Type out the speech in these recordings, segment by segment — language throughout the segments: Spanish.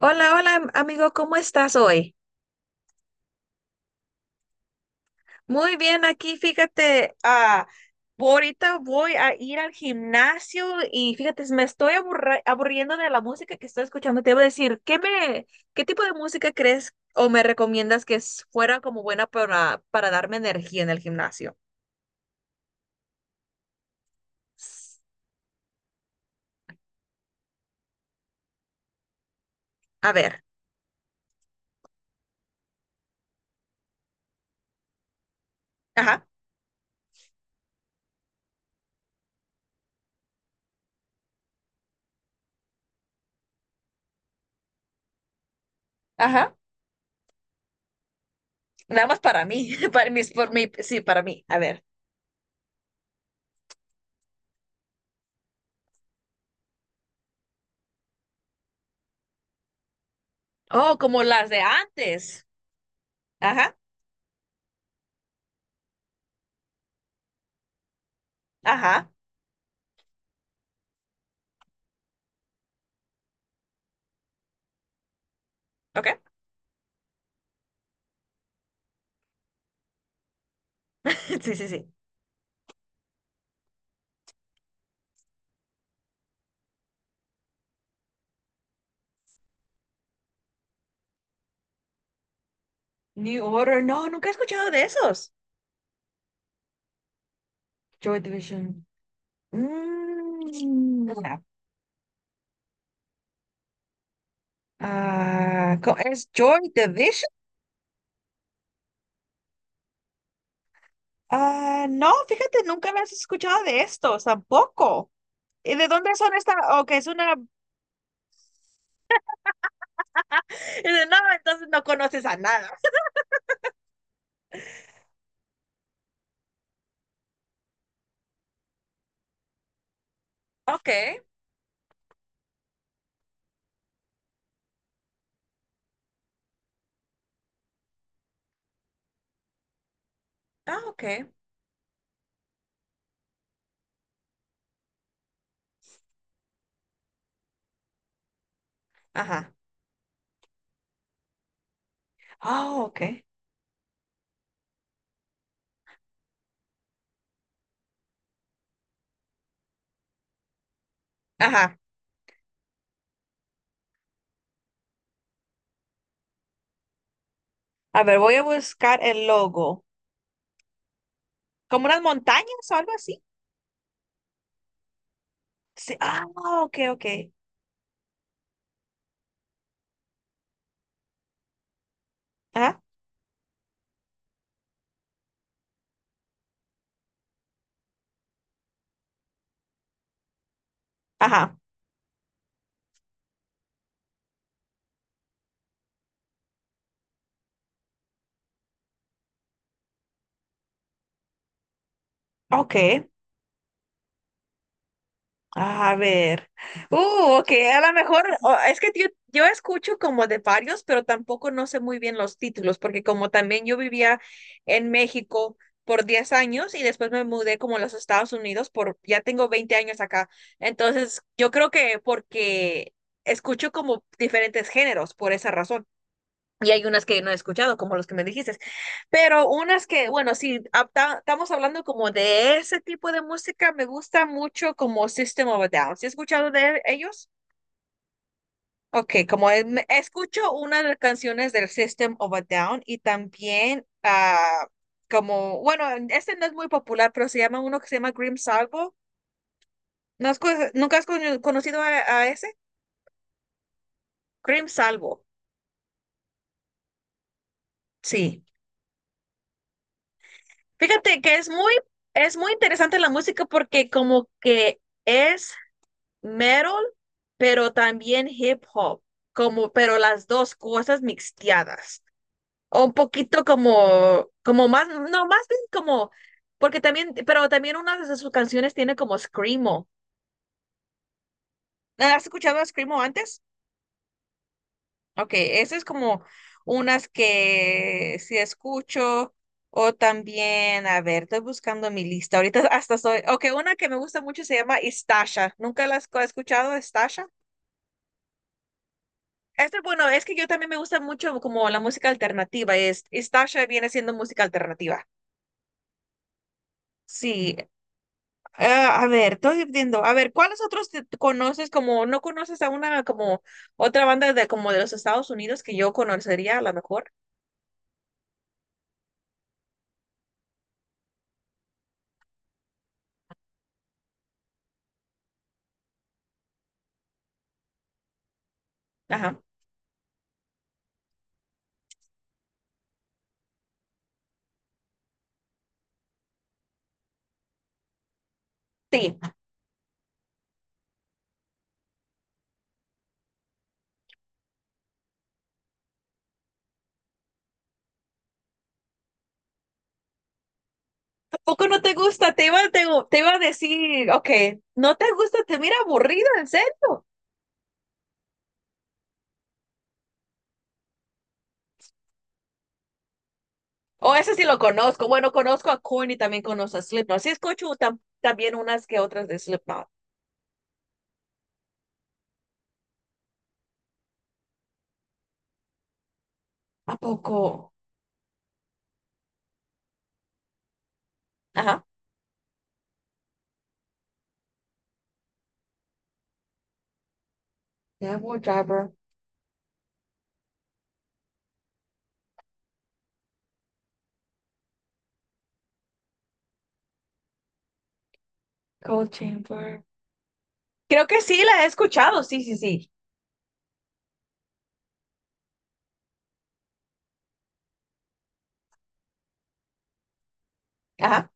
Hola, hola amigo, ¿cómo estás hoy? Muy bien, aquí fíjate, ahorita voy a ir al gimnasio y fíjate, me estoy aburriendo de la música que estoy escuchando. Te iba a decir, ¿qué tipo de música crees o me recomiendas que fuera como buena para darme energía en el gimnasio? A ver, ajá, ajá, nada más para mí, para mis, por mí, sí, para mí, a ver. Oh, como las de antes. Ajá, ajá, ok, sí, sí, sí. New Order, no, nunca he escuchado de esos. Joy Division. Mm, ya. Ah, ¿es Joy Division? Ah, no, fíjate, nunca me has escuchado de estos tampoco. ¿Y de dónde son estas? Ok, es una... No, entonces no conoces a nada. Ok, ah, ok. Ajá. Ah, ok. Ajá. A ver, voy a buscar el logo. ¿Como unas montañas o algo así? Sí. Ah, ok, ok. Ajá. Ajá. Ok. A ver. Uh, ok, a lo mejor, es que yo escucho como de varios, pero tampoco no sé muy bien los títulos, porque como también yo vivía en México por 10 años y después me mudé como a los Estados Unidos por, ya tengo 20 años acá. Entonces, yo creo que porque escucho como diferentes géneros por esa razón. Y hay unas que no he escuchado, como los que me dijiste. Pero unas que, bueno, si estamos hablando como de ese tipo de música, me gusta mucho como System of a Down. ¿Sí has escuchado de ellos? Ok, como escucho una de las canciones del System of a Down y también ah, como, bueno, este no es muy popular, pero se llama uno que se llama Grim Salvo. ¿No has ¿Nunca has conocido a ese? Grim Salvo, sí. Fíjate que es muy interesante la música porque como que es metal, pero también hip hop, como, pero las dos cosas mixteadas. O un poquito como, como más, no, más bien como, porque también, pero también una de sus canciones tiene como Screamo. ¿Has escuchado a Screamo antes? Ok, esa es como unas que sí escucho o también, a ver, estoy buscando mi lista. Ahorita hasta soy, ok, una que me gusta mucho se llama Istasha. ¿Nunca la has escuchado, Istasha? Este, bueno, es que yo también me gusta mucho como la música alternativa. Es, Istasha viene siendo música alternativa. Sí, ah, a ver, estoy viendo. A ver, ¿cuáles otros te conoces como, no conoces a una como otra banda de como de los Estados Unidos que yo conocería a lo mejor? Ajá. Sí. ¿poco no te gusta? Te iba, te iba a decir, ok, no te gusta, te mira aburrido, en serio. O ese sí lo conozco. Bueno, conozco a Korn y también conozco a Slipknot. Sí, escucho también unas que otras de Slipknot. ¿A poco? Ajá. Devil Driver, Cold Chamber. Creo que sí la he escuchado, sí, sí, sí. Ajá.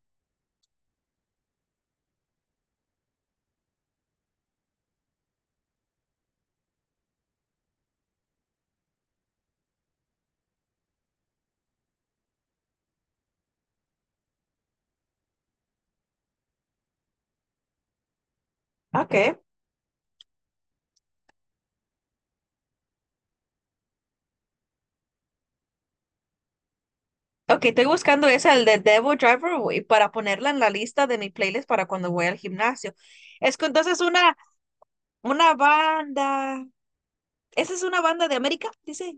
Ok. Ok, estoy buscando esa, el de Devil Driver, güey, para ponerla en la lista de mi playlist para cuando voy al gimnasio. Es que entonces una banda Esa es una banda de América, dice.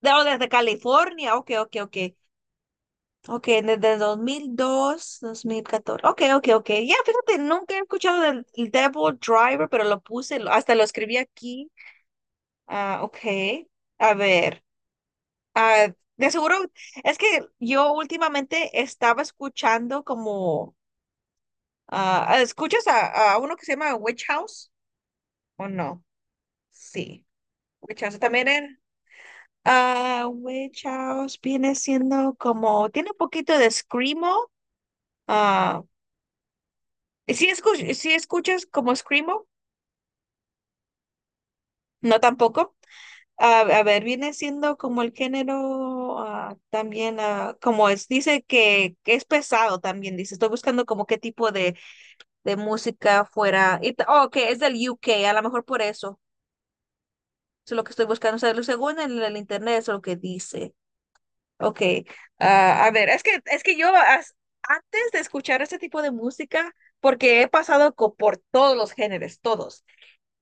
No, desde California. Ok, ok, ok. Ok, desde 2002 2014 Ok, ok, ok. Ya, fíjate, nunca he escuchado del el Devil Driver, pero lo puse, hasta lo escribí aquí. Ah, ok. A ver. Ah, de seguro, es que yo últimamente estaba escuchando como. Ah, ¿escuchas a uno que se llama Witch House? ¿O no? Sí. Witch House también era. Ah, Witch House viene siendo como, tiene un poquito de screamo. Ah, si escuchas como screamo, no tampoco. Ah, a ver, viene siendo como el género ah, también, ah, como es, dice que es pesado también, dice. Estoy buscando como qué tipo de música fuera. Y oh, que es del UK a lo mejor por eso. Eso es lo que estoy buscando. O sea, según en el internet, eso es lo que dice. Ok, ah, a ver, es que yo antes de escuchar este tipo de música, porque he pasado por todos los géneros, todos,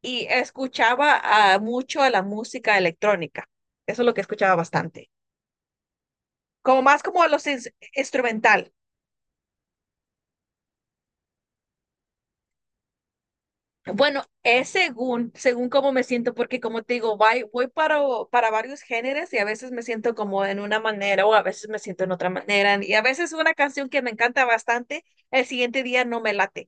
y escuchaba ah, mucho a la música electrónica, eso es lo que escuchaba bastante, como más como a los instrumental. Bueno, es según, según cómo me siento, porque como te digo, voy, voy para varios géneros y a veces me siento como en una manera o a veces me siento en otra manera, y a veces una canción que me encanta bastante, el siguiente día no me late.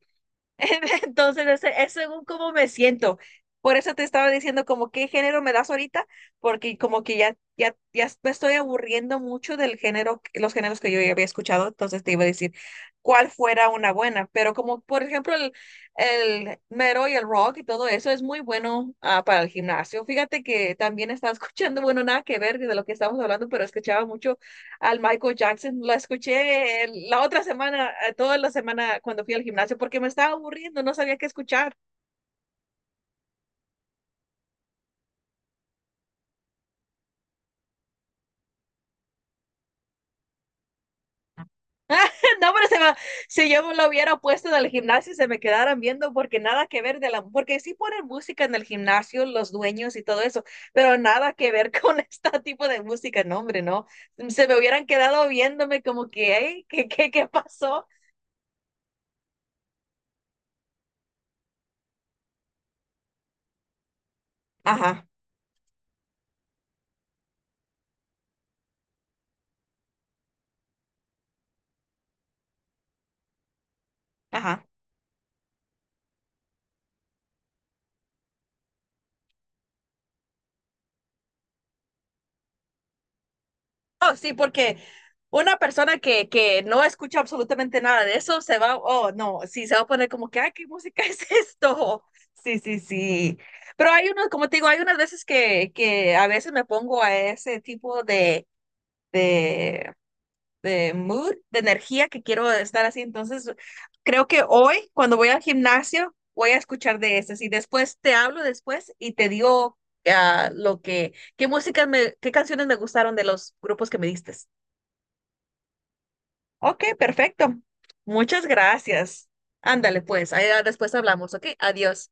Entonces, es según cómo me siento. Por eso te estaba diciendo como qué género me das ahorita, porque como que ya me estoy aburriendo mucho del género, los géneros que yo ya había escuchado, entonces te iba a decir cuál fuera una buena. Pero como por ejemplo el mero y el rock y todo eso es muy bueno ah, para el gimnasio. Fíjate que también estaba escuchando, bueno, nada que ver de lo que estamos hablando, pero escuchaba mucho al Michael Jackson. Lo escuché la otra semana, toda la semana cuando fui al gimnasio, porque me estaba aburriendo, no sabía qué escuchar. No, pero si yo me lo hubiera puesto en el gimnasio, se me quedaran viendo, porque nada que ver de la, porque sí ponen música en el gimnasio, los dueños y todo eso, pero nada que ver con este tipo de música, no, hombre, no. Se me hubieran quedado viéndome como que, "Ey, ¿qué, qué, qué pasó? Ajá, ajá. Oh, sí, porque una persona que no escucha absolutamente nada de eso se va, oh, no, sí, se va a poner como que, ay, ¿qué música es esto? Sí, sí, sí. Pero hay unos, como te digo, hay unas veces que a veces me pongo a ese tipo de, de mood, de energía que quiero estar así. Entonces, creo que hoy, cuando voy al gimnasio, voy a escuchar de esas y después te hablo después y te digo ah, lo que, qué música me, qué canciones me gustaron de los grupos que me diste. Ok, perfecto. Muchas gracias. Ándale, pues, ahí ah, después hablamos, ¿ok? Adiós.